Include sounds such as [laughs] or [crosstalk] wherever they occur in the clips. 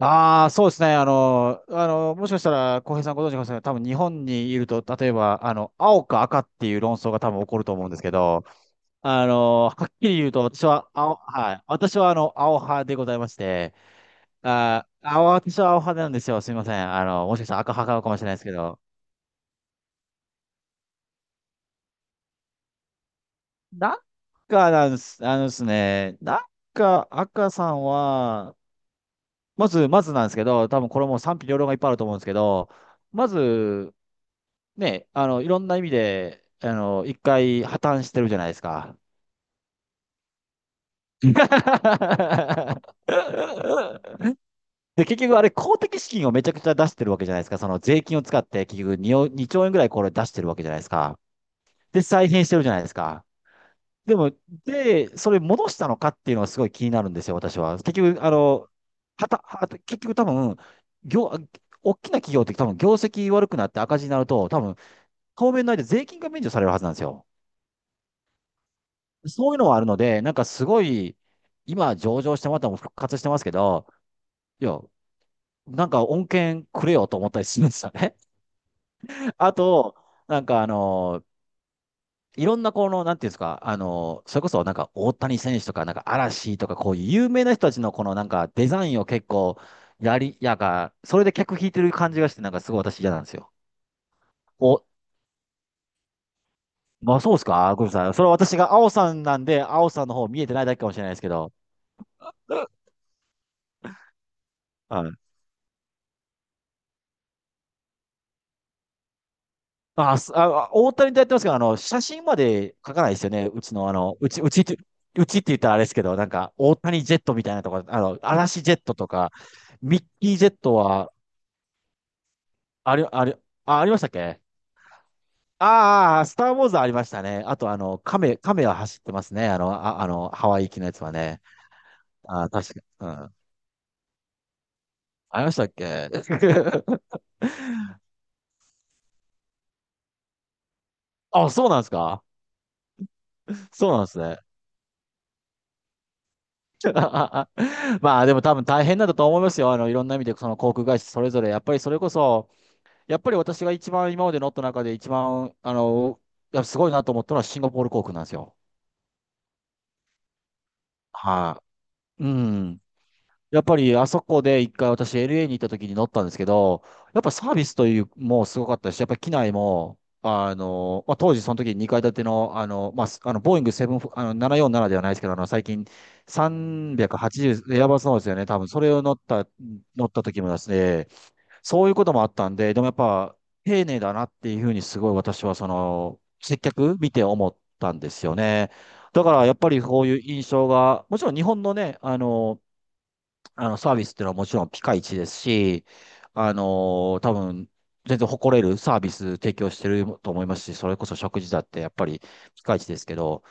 ああ、そうですね。もしかしたら、浩平さんご存知かもしれない。多分日本にいると、例えば、青か赤っていう論争が多分起こると思うんですけど、はっきり言うと、私は青、はい。私はあの、青派でございまして、あー、青、私は青派なんですよ。すみません。あの、もしかしたら赤派かもしれないですけど、なんかなんです、なんか赤さんは、まずなんですけど、多分これも賛否両論がいっぱいあると思うんですけど、まず、ね、いろんな意味で、一回破綻してるじゃないですか。[laughs] で、結局あれ公的資金をめちゃくちゃ出してるわけじゃないですか。その税金を使って結局 二兆円ぐらいこれ出してるわけじゃないですか。で、再編してるじゃないですか。でも、で、それ戻したのかっていうのがすごい気になるんですよ、私は。結局、はた結局多分、業、大きな企業って多分業績悪くなって赤字になると、多分、当面の間税金が免除されるはずなんですよ。そういうのはあるので、なんかすごい、今上場してもらったのも復活してますけど、いや、なんか恩恵くれよと思ったりするんですよね。[laughs] あと、なんかあの、いろんなこの、なんていうんですか、それこそなんか大谷選手とか、なんか嵐とか、こういう有名な人たちのこのなんかデザインを結構やり、やが、それで客引いてる感じがして、なんかすごい私嫌なんですよ。お、まあそうですか、ごめんなさい。それは私が青さんなんで、青さんの方見えてないだけかもしれないですけど。[laughs] はい。あ、すあ、あ大谷とやってますけど、あの、写真まで書かないですよね。うちって、うちって言ったらあれですけど、なんか、大谷ジェットみたいなとかあの、嵐ジェットとか、ミッキージェットは、あり、あり、あ、ありましたっけ。ああー、スター・ウォーズありましたね。あと、亀は走ってますね。ハワイ行きのやつはね。あー、うん。ありましたっけ。 [laughs] あ、そうなんですか。そうなんですね。[laughs] まあでも多分大変だったと思いますよ。あの、いろんな意味でその航空会社それぞれ。やっぱりそれこそ、やっぱり私が一番今まで乗った中で一番、やっぱすごいなと思ったのはシンガポール航空なんですよ。はい。うん。やっぱりあそこで一回私 LA に行った時に乗ったんですけど、やっぱサービスというもうすごかったし、やっぱり機内も、当時その時2階建ての、あの、まあ、すあの、ボーイング7、あの、747ではないですけど、あの、最近380、エアバスのですよね、多分それを乗った、乗った時もですね、そういうこともあったんで、でもやっぱ丁寧だなっていうふうにすごい私はその、接客見て思ったんですよね。だからやっぱりこういう印象が、もちろん日本のね、サービスっていうのはもちろんピカイチですし、あの多分、全然誇れるサービス提供してると思いますし、それこそ食事だってやっぱりピカイチですけど、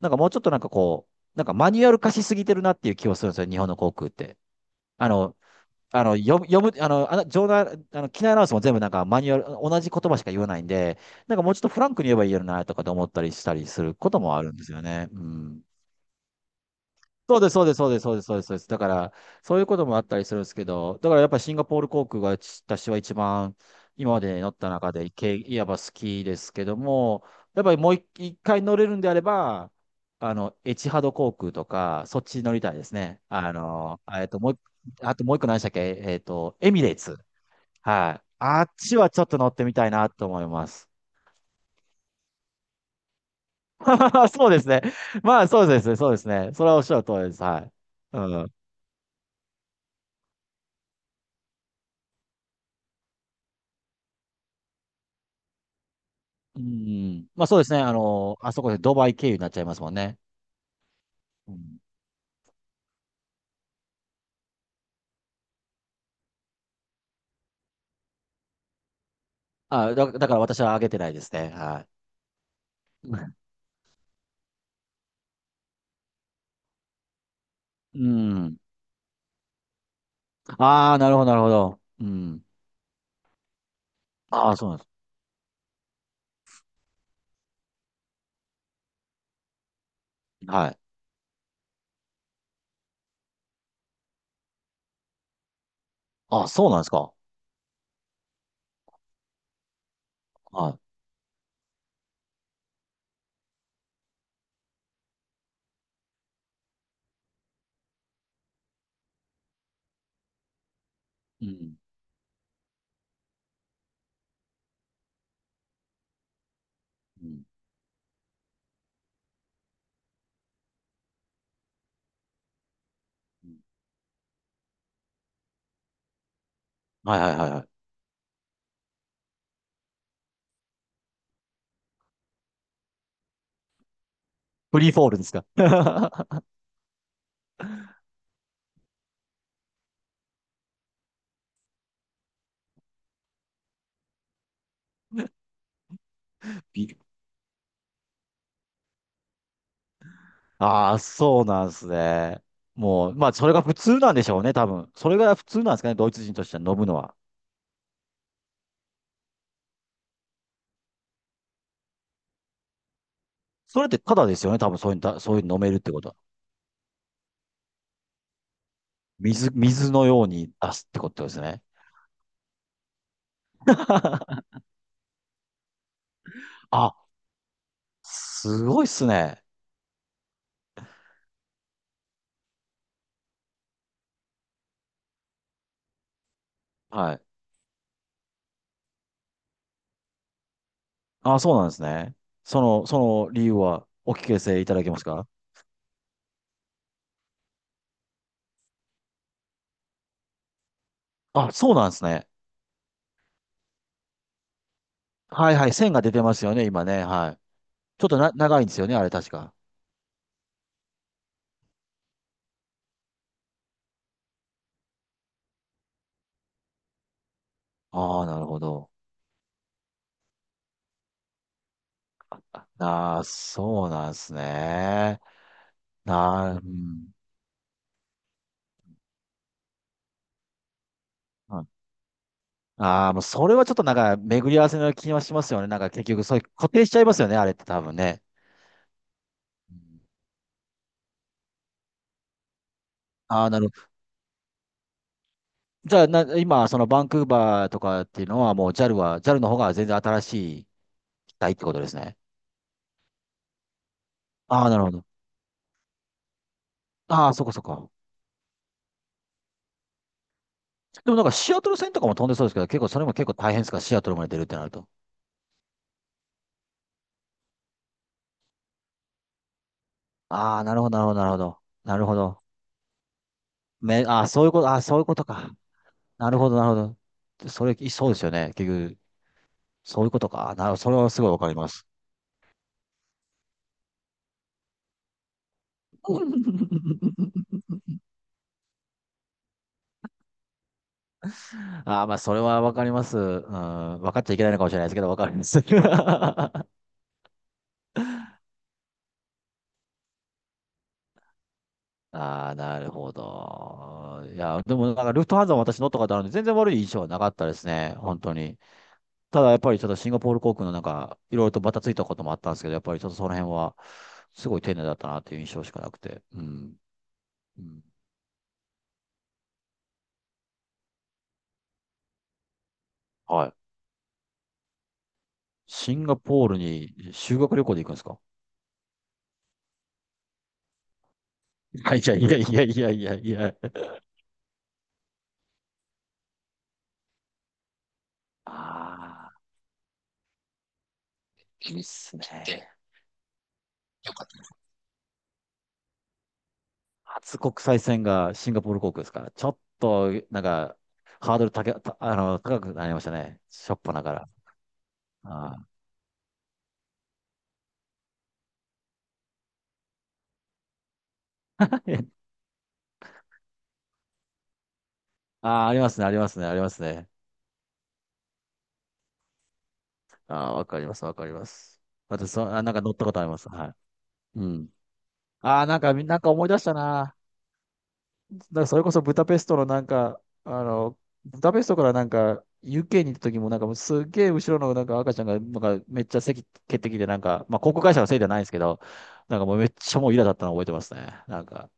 なんかもうちょっとなんかこう、なんかマニュアル化しすぎてるなっていう気はするんですよ、日本の航空って。あの、あの、読む、読む、あの、あの、場内、あの、機内アナウンスも全部なんかマニュアル、同じ言葉しか言わないんで、なんかもうちょっとフランクに言えばいいよなとかと思ったりしたりすることもあるんですよね。うん。そうです、そうです、そうです、そうです、そうです。そうですだから、そういうこともあったりするんですけど、だからやっぱシンガポール航空が私は一番今まで乗った中で、けいわば好きですけども、やっぱりもう一回乗れるんであれば、あの、エチハド航空とか、そっち乗りたいですね。あの、えっと、もう一、あともう一個何でしたっけ。えっと、エミレーツ。はい。あっちはちょっと乗ってみたいなと思います。[laughs] そうですね。そうですね。それはおっしゃる通りです。はい。うん。うん。まあそうですね。あの、あそこでドバイ経由になっちゃいますもんね。うん、だから私は上げてないですね。はい。うん。ああ、なるほど。うん。ああ、そうなんです。はい。ああ、そうなんですか。はい。うん。うん。うん。はい、はい、はい、はい。フリーフォールですか。[laughs] びああ、そうなんですね。もう、まあ、それが普通なんでしょうね、多分。それが普通なんですかね、ドイツ人としては飲むのは。それってただですよね、多分そういうの、そういうの飲めるってことは。水のように出すってことですね。[laughs] あ、すごいっすね。はい。あ、そうなんですね。その、その理由はお聞かせいただけますか。あ、そうなんですね。はい、はい。線が出てますよね、今ね。はい。ちょっとな、長いんですよね、あれ確か。ああ、なるほど。ああ、そうなんですね。なあ、うん。ああー、もうそれはちょっとなんか巡り合わせの気はしますよね。なんか結局、そういう固定しちゃいますよね、あれって多分ね。うん。ああ、じゃあ、今、そのバンクーバーとかっていうのは、もう JAL は、JAL の方が全然新しい機体ってことですね。ああ、なるほど。ああ、そこそこ。でもなんかシアトル線とかも飛んでそうですけど、結構それも結構大変ですか、シアトルまで出るってなると。ああ、なるほど。なるほど。ああ、そういうこと、ああ、そういうことか。なるほど。それ、そうですよね。結局、そういうことか。なるほど、それはすごいわかります。[laughs] ああ、まあ、それはわかります。うん、わかっちゃいけないのかもしれないですけど、わかります。[laughs] ああ、なるほど。いや、でもなんかルフトハンザも私乗ったことあるんで、全然悪い印象はなかったですね、本当に。ただやっぱりちょっとシンガポール航空のなんか、いろいろとバタついたこともあったんですけど、やっぱりちょっとその辺は、すごい丁寧だったなっていう印象しかなくて。うん。うん、はい。シンガポールに修学旅行で行くんですか。はい、いやいやいやいやいやいや。ああ、いいっすね。初国際線がシンガポール航空ですから、ちょっとなんか、ハードル高け、たあの、高くなりましたね。しょっぱながら。あー。 [laughs] あー、ありますね、ありますね、ありますね。ああ、わかります、わかります。私、なんか乗ったことあります。はい。うん。ああ、なんか、なんか思い出したな。なんからそれこそブダペストのなんか、あの、ブダペストからなんか、UK に行った時もなんかもうすっげえ後ろのなんか赤ちゃんがなんかめっちゃ席蹴ってきてなんか、まあ航空会社のせいじゃないんですけど、なんかもうめっちゃもうイラだったの覚えてますね。なんか、